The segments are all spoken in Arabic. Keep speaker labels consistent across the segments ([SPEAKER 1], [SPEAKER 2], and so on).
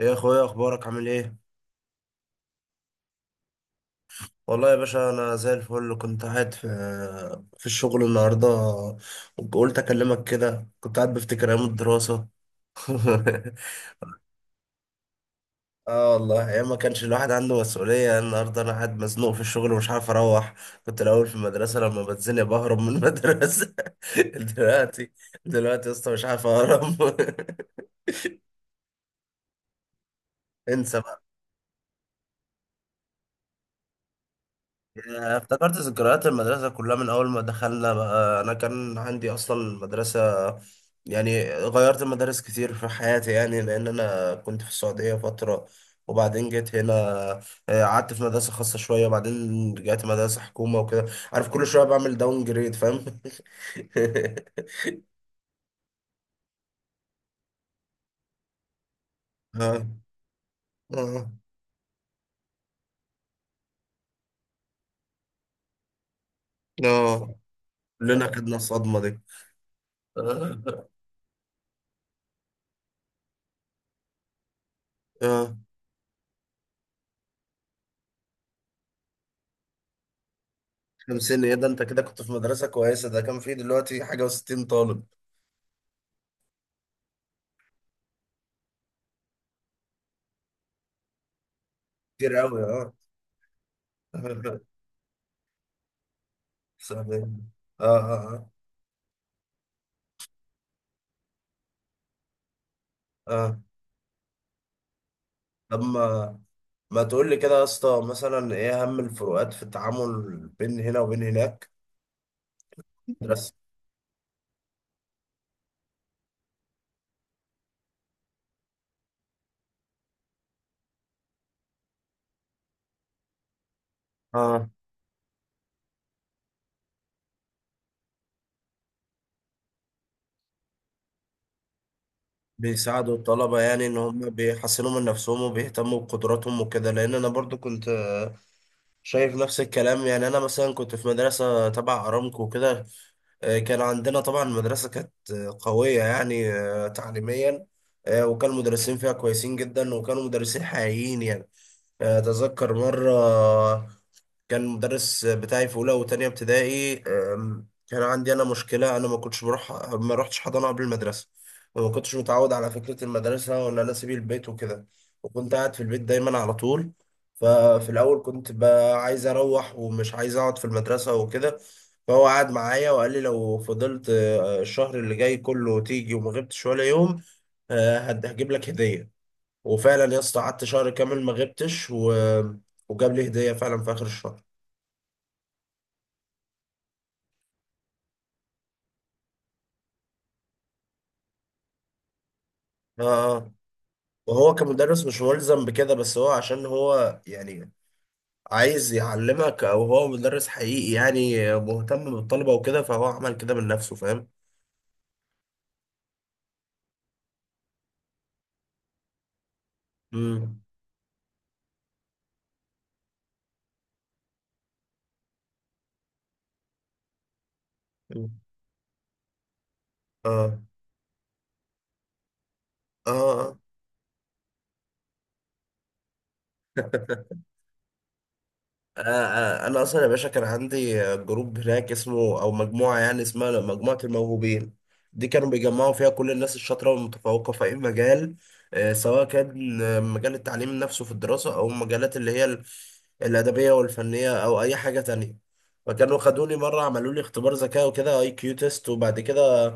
[SPEAKER 1] ايه يا اخويا، إيه اخبارك؟ عامل ايه؟ والله يا باشا، انا زي الفل. كنت قاعد في الشغل النهارده وقلت اكلمك كده. كنت قاعد بفتكر ايام الدراسه. اه، والله ايام ما كانش الواحد عنده مسؤوليه. النهارده انا قاعد مزنوق في الشغل ومش عارف اروح. كنت الاول في المدرسه، لما بتزنق بهرب من المدرسه. دلوقتي دلوقتي يا اسطى مش عارف اهرب. انسى. افتكرت ذكريات المدرسة كلها من أول ما دخلنا. بقى أنا كان عندي أصلا مدرسة، يعني غيرت مدارس كتير في حياتي، يعني لأن أنا كنت في السعودية فترة وبعدين جيت هنا. قعدت في مدرسة خاصة شوية وبعدين رجعت مدرسة حكومة وكده. عارف، كل شوية بعمل داون جريد، فاهم؟ اه. اه. آه. كلنا خدنا الصدمة دي. اه. آه. 50؟ ايه ده؟ انت كده كنت في مدرسة كويسة، ده كان فيه دلوقتي حاجة و60 طالب. كتير أوي، اه. سلام. اه، اه، اه. اه. طب ما تقول لي كده يا اسطى، مثلا ايه اهم الفروقات في التعامل بين هنا وبين هناك؟ بس. اه. بيساعدوا الطلبة يعني ان هم بيحسنوا من نفسهم وبيهتموا بقدراتهم وكده، لان انا برضو كنت شايف نفس الكلام يعني. انا مثلا كنت في مدرسة تبع ارامكو وكده. كان عندنا طبعا المدرسة كانت قوية يعني تعليميا. وكان المدرسين فيها كويسين جدا وكانوا مدرسين حقيقيين يعني. أتذكر مرة كان المدرس بتاعي في أولى وتانية ابتدائي، كان عندي أنا مشكلة. أنا ما كنتش بروح، ما رحتش حضانة قبل المدرسة، وما كنتش متعود على فكرة المدرسة وإن أنا أسيب البيت وكده. وكنت قاعد في البيت دايما على طول. ففي الأول كنت بقى عايز أروح ومش عايز أقعد في المدرسة وكده. فهو قعد معايا وقال لي لو فضلت الشهر اللي جاي كله تيجي وما غبتش ولا يوم، هجيب لك هدية. وفعلا يا اسطى قعدت شهر كامل ما غبتش و... وجاب لي هديه فعلا في اخر الشهر. اه. اه. وهو كمدرس مش ملزم بكده، بس هو عشان هو يعني عايز يعلمك، او هو مدرس حقيقي يعني مهتم بالطلبه وكده، فهو عمل كده من نفسه، فاهم؟ امم. اه. اه. آه. انا اصلا يا باشا كان عندي جروب هناك اسمه او مجموعه، يعني اسمها مجموعه الموهوبين. دي كانوا بيجمعوا فيها كل الناس الشاطره والمتفوقه في اي مجال، سواء كان مجال التعليم نفسه في الدراسه او مجالات اللي هي الادبيه والفنيه او اي حاجه تانية. فكانوا خدوني مره عملوا لي اختبار ذكاء وكده، IQ تيست. وبعد كده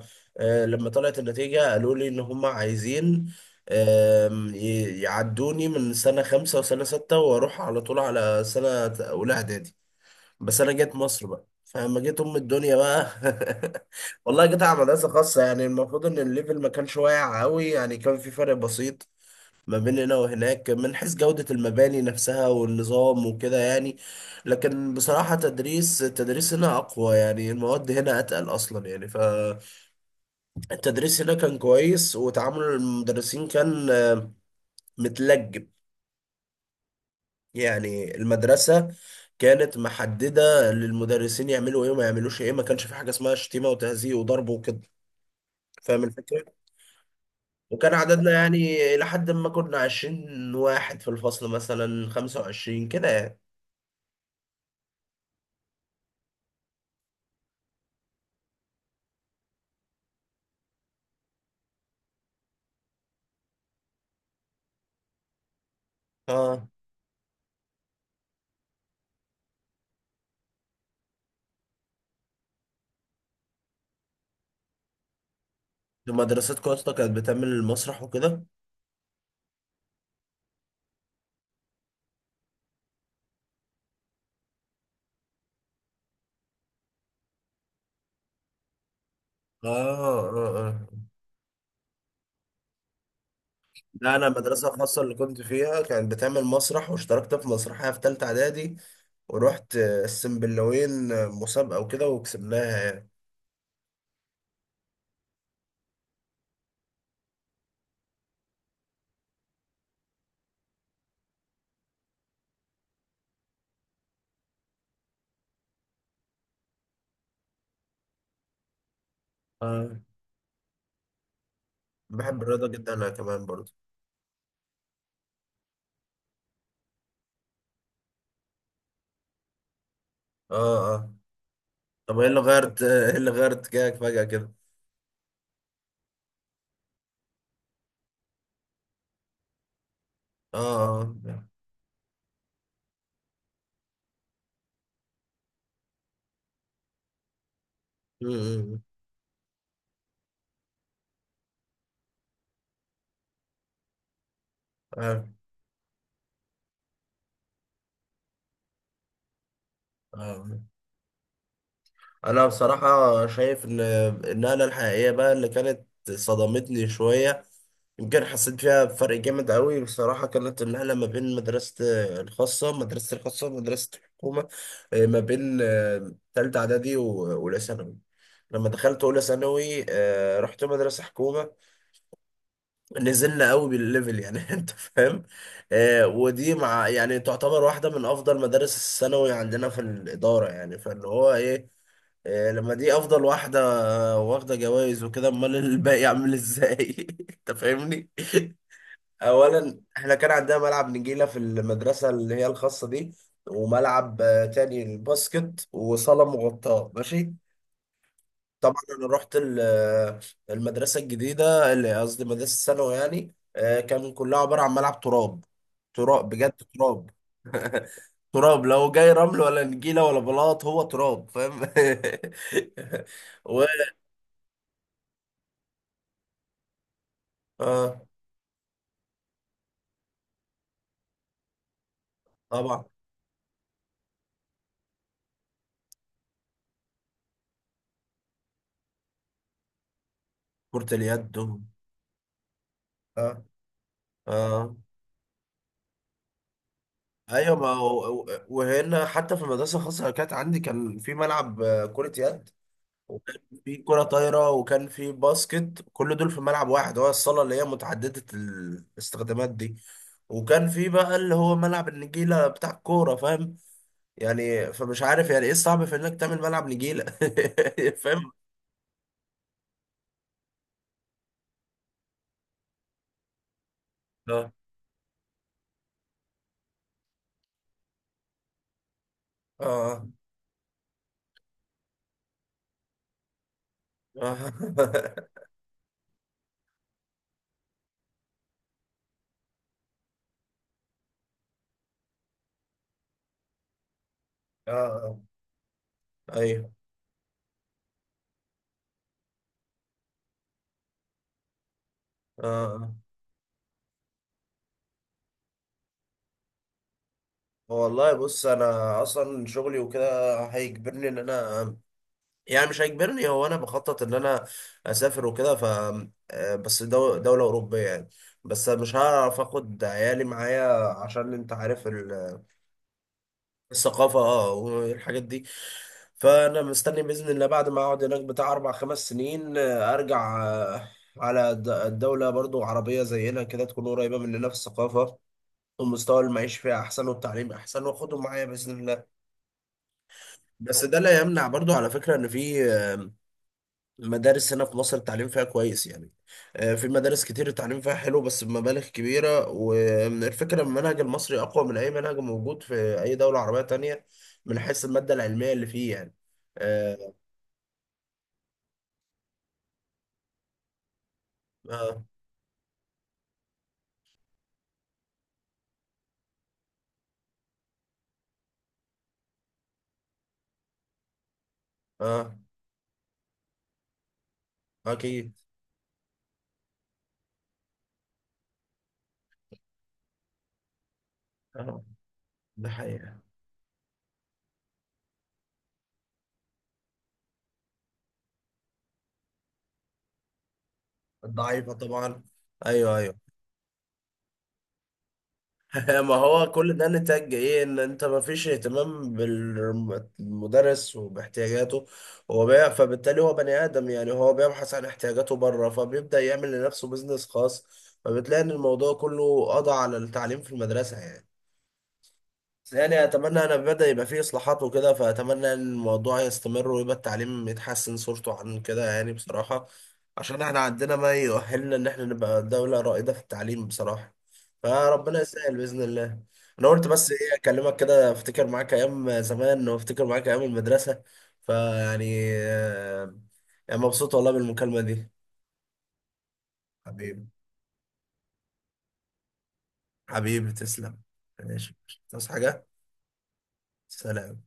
[SPEAKER 1] لما طلعت النتيجه قالوا لي ان هم عايزين، يعدوني من سنة 5 وسنة ستة وأروح على طول على سنة أولى إعدادي. بس أنا جيت مصر بقى، فلما جيت أم الدنيا بقى والله جيت على مدرسة خاصة، يعني المفروض إن الليفل ما كانش واقع قوي، يعني كان في فرق بسيط ما بين هنا وهناك من حيث جودة المباني نفسها والنظام وكده يعني. لكن بصراحة تدريس التدريس هنا أقوى، يعني المواد هنا أتقل أصلا يعني، فالتدريس هنا كان كويس وتعامل المدرسين كان متلج. يعني المدرسة كانت محددة للمدرسين يعملوا ايه وما يعملوش ايه، ما كانش في حاجة اسمها شتيمة وتهزيء وضرب وكده، فاهم الفكرة؟ وكان عددنا يعني إلى حد ما كنا 20 واحد في الفصل، مثلا 25 كده يعني. اه. مدرستكم يا اسطى كانت بتعمل المسرح وكده؟ اه. اه. اه. لا، انا المدرسه الخاصه اللي كنت فيها كانت بتعمل مسرح، واشتركت في مسرحيه في ثالثه اعدادي ورحت السنبلاوين مسابقه وكده وكسبناها. يعني بحب الرياضة جدا أنا كمان برضه. اه. اه. طب ايه اللي غيرت؟ ايه اللي غيرت اتجاهك فجأة كده؟ اه. اه. أمم. عارف. آه. انا بصراحة شايف ان النقلة الحقيقية بقى اللي كانت صدمتني شوية، يمكن حسيت فيها بفرق جامد قوي بصراحة، كانت النقلة ما بين مدرسة الخاصة، مدرسة الخاصة ومدرسة الحكومة، ما بين تالتة إعدادي وأولى ثانوي. لما دخلت أولى ثانوي رحت مدرسة حكومة. نزلنا قوي بالليفل يعني، انت فاهم؟ ودي مع يعني تعتبر واحده من افضل مدارس الثانوي عندنا في الاداره، يعني فاللي هو ايه، لما دي افضل واحده واخده جوائز وكده، امال الباقي عامل ازاي؟ انت فاهمني. اولا احنا كان عندنا ملعب نجيله في المدرسه اللي هي الخاصه دي، وملعب تاني، الباسكت، وصاله مغطاه. ماشي. طبعا انا رحت المدرسه الجديده، اللي قصدي مدرسه الثانوي يعني، كان كلها عباره عن ملعب تراب. تراب بجد تراب. تراب لو جاي رمل ولا نجيله ولا بلاط، هو تراب، فاهم؟ و. اه، طبعا. كره اليد اه. اه. ايوه، ما هو- وهنا حتى في المدرسه الخاصه اللي كانت عندي كان في ملعب كره يد، وكان في كرة طايرة، وكان في باسكت، كل دول في ملعب واحد، هو الصالة اللي هي متعددة الاستخدامات دي. وكان في بقى اللي هو ملعب النجيلة بتاع الكورة، فاهم؟ يعني فمش عارف يعني ايه الصعب في انك تعمل ملعب نجيلة، فاهم؟ اه. اه. اه. اه. ايوه. اه. آه. والله بص، انا اصلا شغلي وكده هيجبرني ان انا، يعني مش هيجبرني، هو انا بخطط ان انا اسافر وكده، ف بس دولة أوروبية يعني. بس مش هعرف اخد عيالي معايا عشان انت عارف الثقافة، اه، والحاجات دي. فانا مستني بإذن الله بعد ما اقعد هناك بتاع اربع خمس سنين ارجع، على الدولة برضو عربية زينا كده، تكون قريبة مننا في الثقافة ومستوى المعيش فيها احسن والتعليم احسن، واخدهم معايا بإذن الله. بس ده لا يمنع برضو على فكرة ان في المدارس هنا في مصر التعليم فيها كويس يعني، في مدارس كتير التعليم فيها حلو بس بمبالغ كبيرة. والفكرة إن المنهج المصري أقوى من أي منهج موجود في أي دولة عربية تانية، من حيث المادة العلمية اللي فيه يعني. آه. آه. آه. آه، أكيد. آه. ده حقيقة. ضعيفة طبعا. أيوه، أيوه. ما هو كل ده نتاج ايه ان انت ما فيش اهتمام بالمدرس وباحتياجاته، هو فبالتالي هو بني ادم يعني، هو بيبحث عن احتياجاته بره فبيبدأ يعمل لنفسه بيزنس خاص. فبتلاقي ان الموضوع كله قضى على التعليم في المدرسة يعني. بس يعني اتمنى، انا بدأ يبقى فيه اصلاحات وكده، فاتمنى ان الموضوع يستمر ويبقى التعليم يتحسن صورته عن كده يعني بصراحة. عشان احنا عندنا ما يؤهلنا ان احنا نبقى دولة رائدة في التعليم بصراحة، فربنا يسهل بإذن الله. انا قلت بس ايه اكلمك كده، افتكر معاك ايام زمان وافتكر معاك ايام المدرسة، فيعني يعني مبسوط والله بالمكالمة دي. حبيبي. حبيبي تسلم. ماشي. تصحى حاجة. سلام